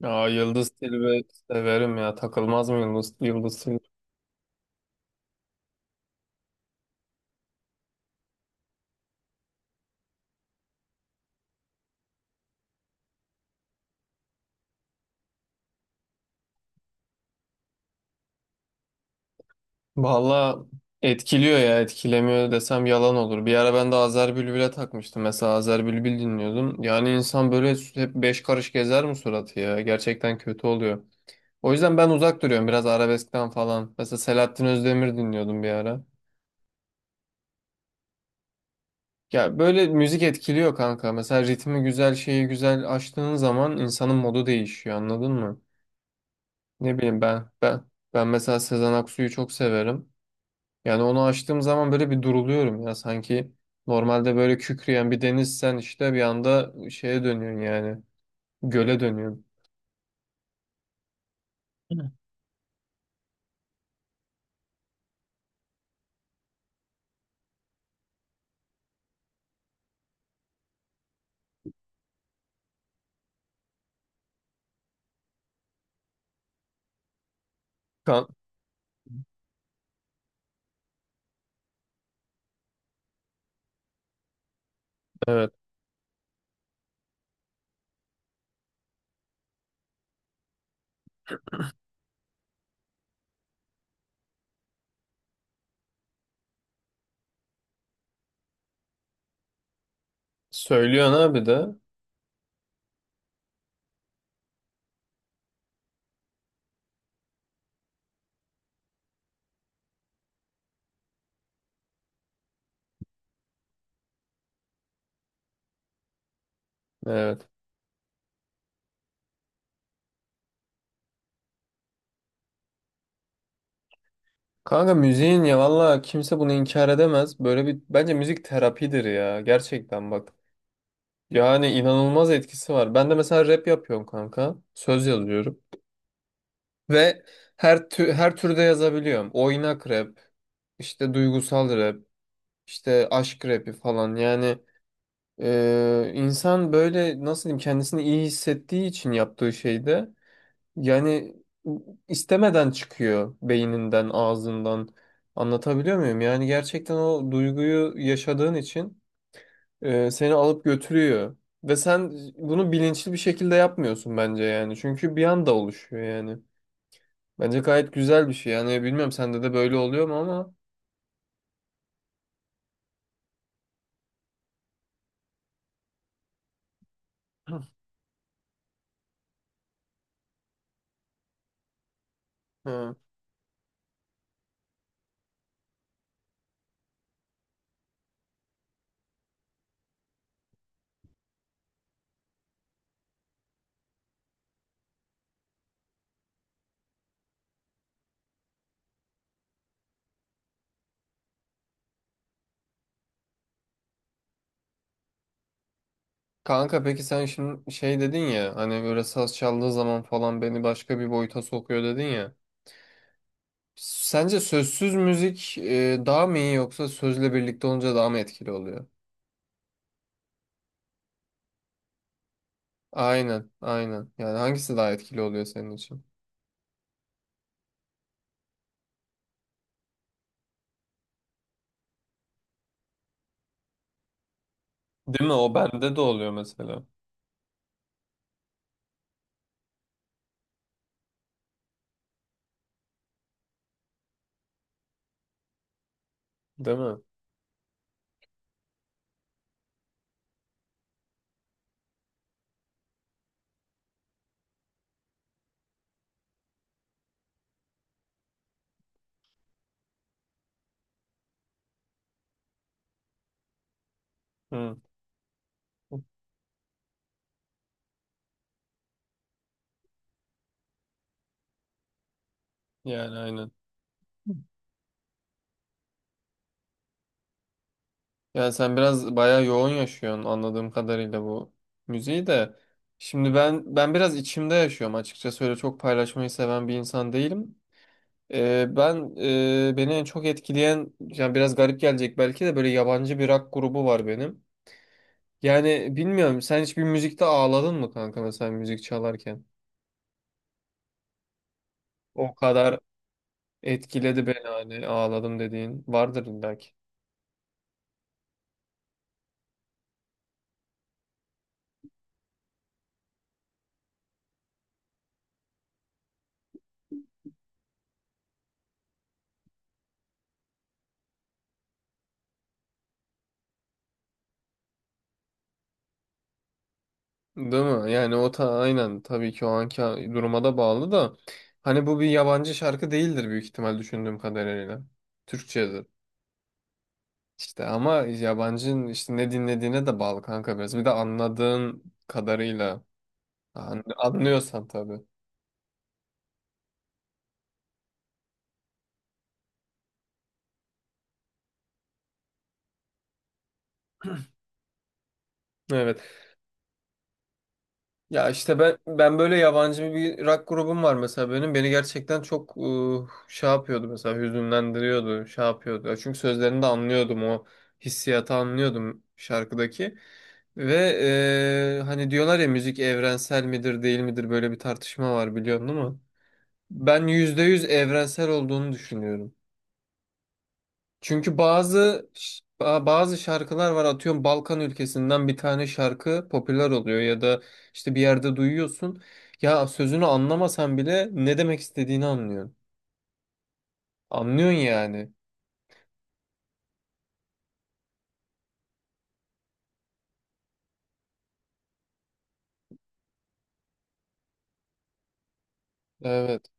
Ya Yıldız Tilbe severim ya. Takılmaz mı Yıldız, Yıldız Tilbe? Valla etkiliyor ya. Etkilemiyor desem yalan olur. Bir ara ben de Azer Bülbül'e takmıştım. Mesela Azer Bülbül dinliyordum. Yani insan böyle hep beş karış gezer mi suratı ya? Gerçekten kötü oluyor. O yüzden ben uzak duruyorum biraz arabeskten falan. Mesela Selahattin Özdemir dinliyordum bir ara. Ya böyle müzik etkiliyor kanka. Mesela ritmi güzel, şeyi güzel açtığın zaman insanın modu değişiyor, anladın mı? Ne bileyim ben mesela Sezen Aksu'yu çok severim. Yani onu açtığım zaman böyle bir duruluyorum ya, sanki normalde böyle kükreyen bir denizsen işte bir anda şeye dönüyorsun yani, göle dönüyorsun. Kan evet, söylüyorsun abi de evet. Kanka müziğin ya valla kimse bunu inkar edemez. Böyle bir, bence müzik terapidir ya, gerçekten bak. Yani inanılmaz etkisi var. Ben de mesela rap yapıyorum kanka. Söz yazıyorum. Ve her türde yazabiliyorum. Oynak rap, işte duygusal rap, işte aşk rapi falan. Yani insan böyle nasıl diyeyim, kendisini iyi hissettiği için yaptığı şeyde yani istemeden çıkıyor beyninden, ağzından. Anlatabiliyor muyum? Yani gerçekten o duyguyu yaşadığın için seni alıp götürüyor. Ve sen bunu bilinçli bir şekilde yapmıyorsun bence yani. Çünkü bir anda oluşuyor yani. Bence gayet güzel bir şey. Yani bilmiyorum, sende de böyle oluyor mu ama. Hı. Kanka peki sen şimdi şey dedin ya, hani böyle saz çaldığı zaman falan beni başka bir boyuta sokuyor dedin ya. Sence sözsüz müzik daha mı iyi yoksa sözle birlikte olunca daha mı etkili oluyor? Aynen, aynen. Yani hangisi daha etkili oluyor senin için? Değil mi? O bende de oluyor mesela. Değil mi? Hı. Yani aynen. Yani sen biraz bayağı yoğun yaşıyorsun anladığım kadarıyla bu müziği de. Şimdi ben biraz içimde yaşıyorum açıkçası, öyle çok paylaşmayı seven bir insan değilim. Ben beni en çok etkileyen, yani biraz garip gelecek belki de, böyle yabancı bir rock grubu var benim. Yani bilmiyorum, sen hiç bir müzikte ağladın mı kanka, mesela müzik çalarken? O kadar etkiledi beni hani, ağladım dediğin vardır illa ki. Değil mi? Yani o ta aynen, tabii ki o anki duruma da bağlı da hani, bu bir yabancı şarkı değildir büyük ihtimal düşündüğüm kadarıyla. Türkçedir. İşte ama yabancının işte ne dinlediğine de bağlı kanka biraz. Bir de anladığın kadarıyla anlıyorsan tabii. Evet. Ya işte ben böyle yabancı bir rock grubum var mesela benim. Beni gerçekten çok şey yapıyordu, mesela hüzünlendiriyordu, şey yapıyordu. Ya çünkü sözlerini de anlıyordum, o hissiyatı anlıyordum şarkıdaki. Ve hani diyorlar ya, müzik evrensel midir değil midir, böyle bir tartışma var biliyorsun değil mi? Ben %100 evrensel olduğunu düşünüyorum. Çünkü bazı bazı şarkılar var, atıyorum Balkan ülkesinden bir tane şarkı popüler oluyor ya da işte bir yerde duyuyorsun. Ya sözünü anlamasan bile ne demek istediğini anlıyorsun. Anlıyorsun yani. Evet.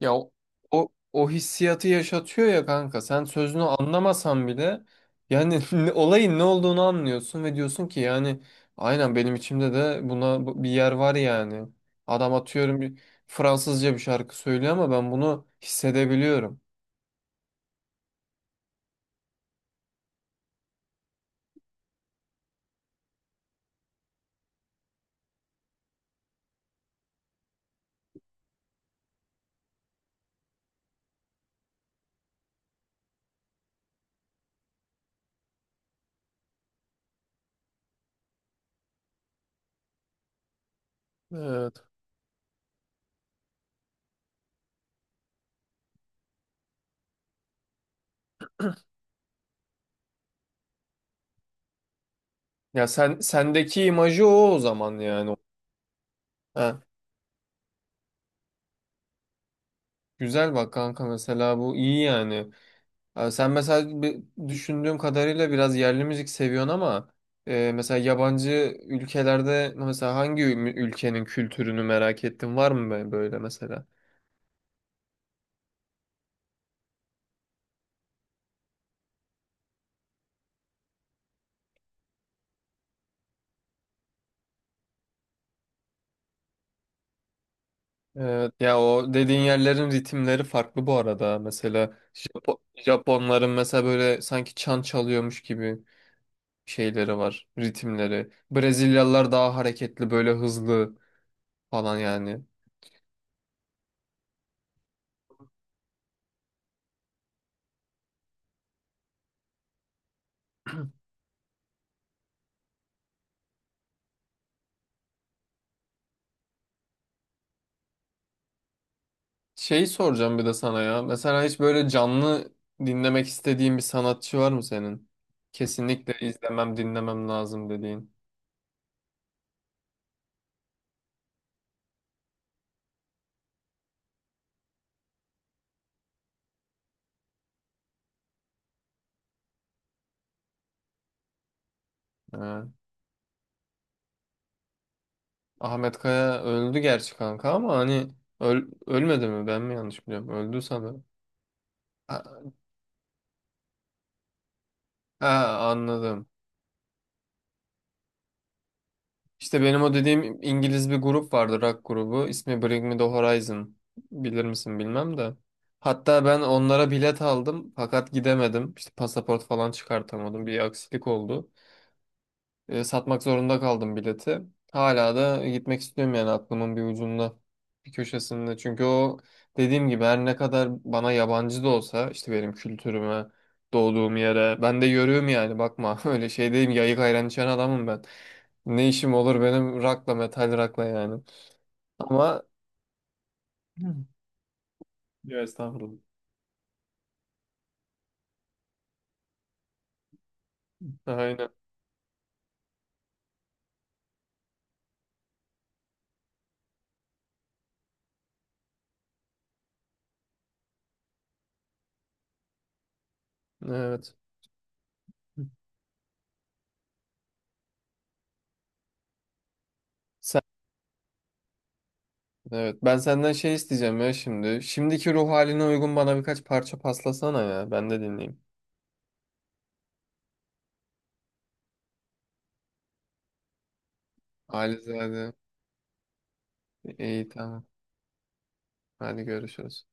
Ya o hissiyatı yaşatıyor ya kanka. Sen sözünü anlamasan bile yani olayın ne olduğunu anlıyorsun ve diyorsun ki yani aynen, benim içimde de buna bir yer var yani. Adam atıyorum bir Fransızca bir şarkı söylüyor ama ben bunu hissedebiliyorum. Evet. Ya sen sendeki imajı o, o zaman yani. Ha, güzel bak kanka, mesela bu iyi yani. Sen mesela düşündüğüm kadarıyla biraz yerli müzik seviyorsun ama mesela yabancı ülkelerde mesela hangi ülkenin kültürünü merak ettin, var mı böyle mesela? Evet, ya o dediğin yerlerin ritimleri farklı bu arada. Mesela Japonların mesela böyle sanki çan çalıyormuş gibi şeyleri var, ritimleri. Brezilyalılar daha hareketli, böyle hızlı falan yani. Şeyi soracağım bir de sana ya. Mesela hiç böyle canlı dinlemek istediğin bir sanatçı var mı senin? Kesinlikle izlemem, dinlemem lazım dediğin. Ha. Ahmet Kaya öldü gerçi kanka, ama hani ölmedi mi? Ben mi yanlış biliyorum? Öldü sanırım. Ha, ha, anladım. İşte benim o dediğim İngiliz bir grup vardı, rock grubu. İsmi Bring Me The Horizon. Bilir misin bilmem de. Hatta ben onlara bilet aldım fakat gidemedim. İşte pasaport falan çıkartamadım. Bir aksilik oldu. E, satmak zorunda kaldım bileti. Hala da gitmek istiyorum yani, aklımın bir ucunda, bir köşesinde. Çünkü o dediğim gibi her ne kadar bana yabancı da olsa, işte benim kültürüme, doğduğum yere, ben de yörüğüm yani, bakma öyle şey değilim, yayık ayran içen adamım ben. Ne işim olur benim rakla, metal rakla yani. Ama Hı. Yo, estağfurullah. Aynen. Evet. Sen, evet. Ben senden şey isteyeceğim ya şimdi. Şimdiki ruh haline uygun bana birkaç parça paslasana ya. Ben de dinleyeyim. Alizade. İyi, tamam. Hadi görüşürüz.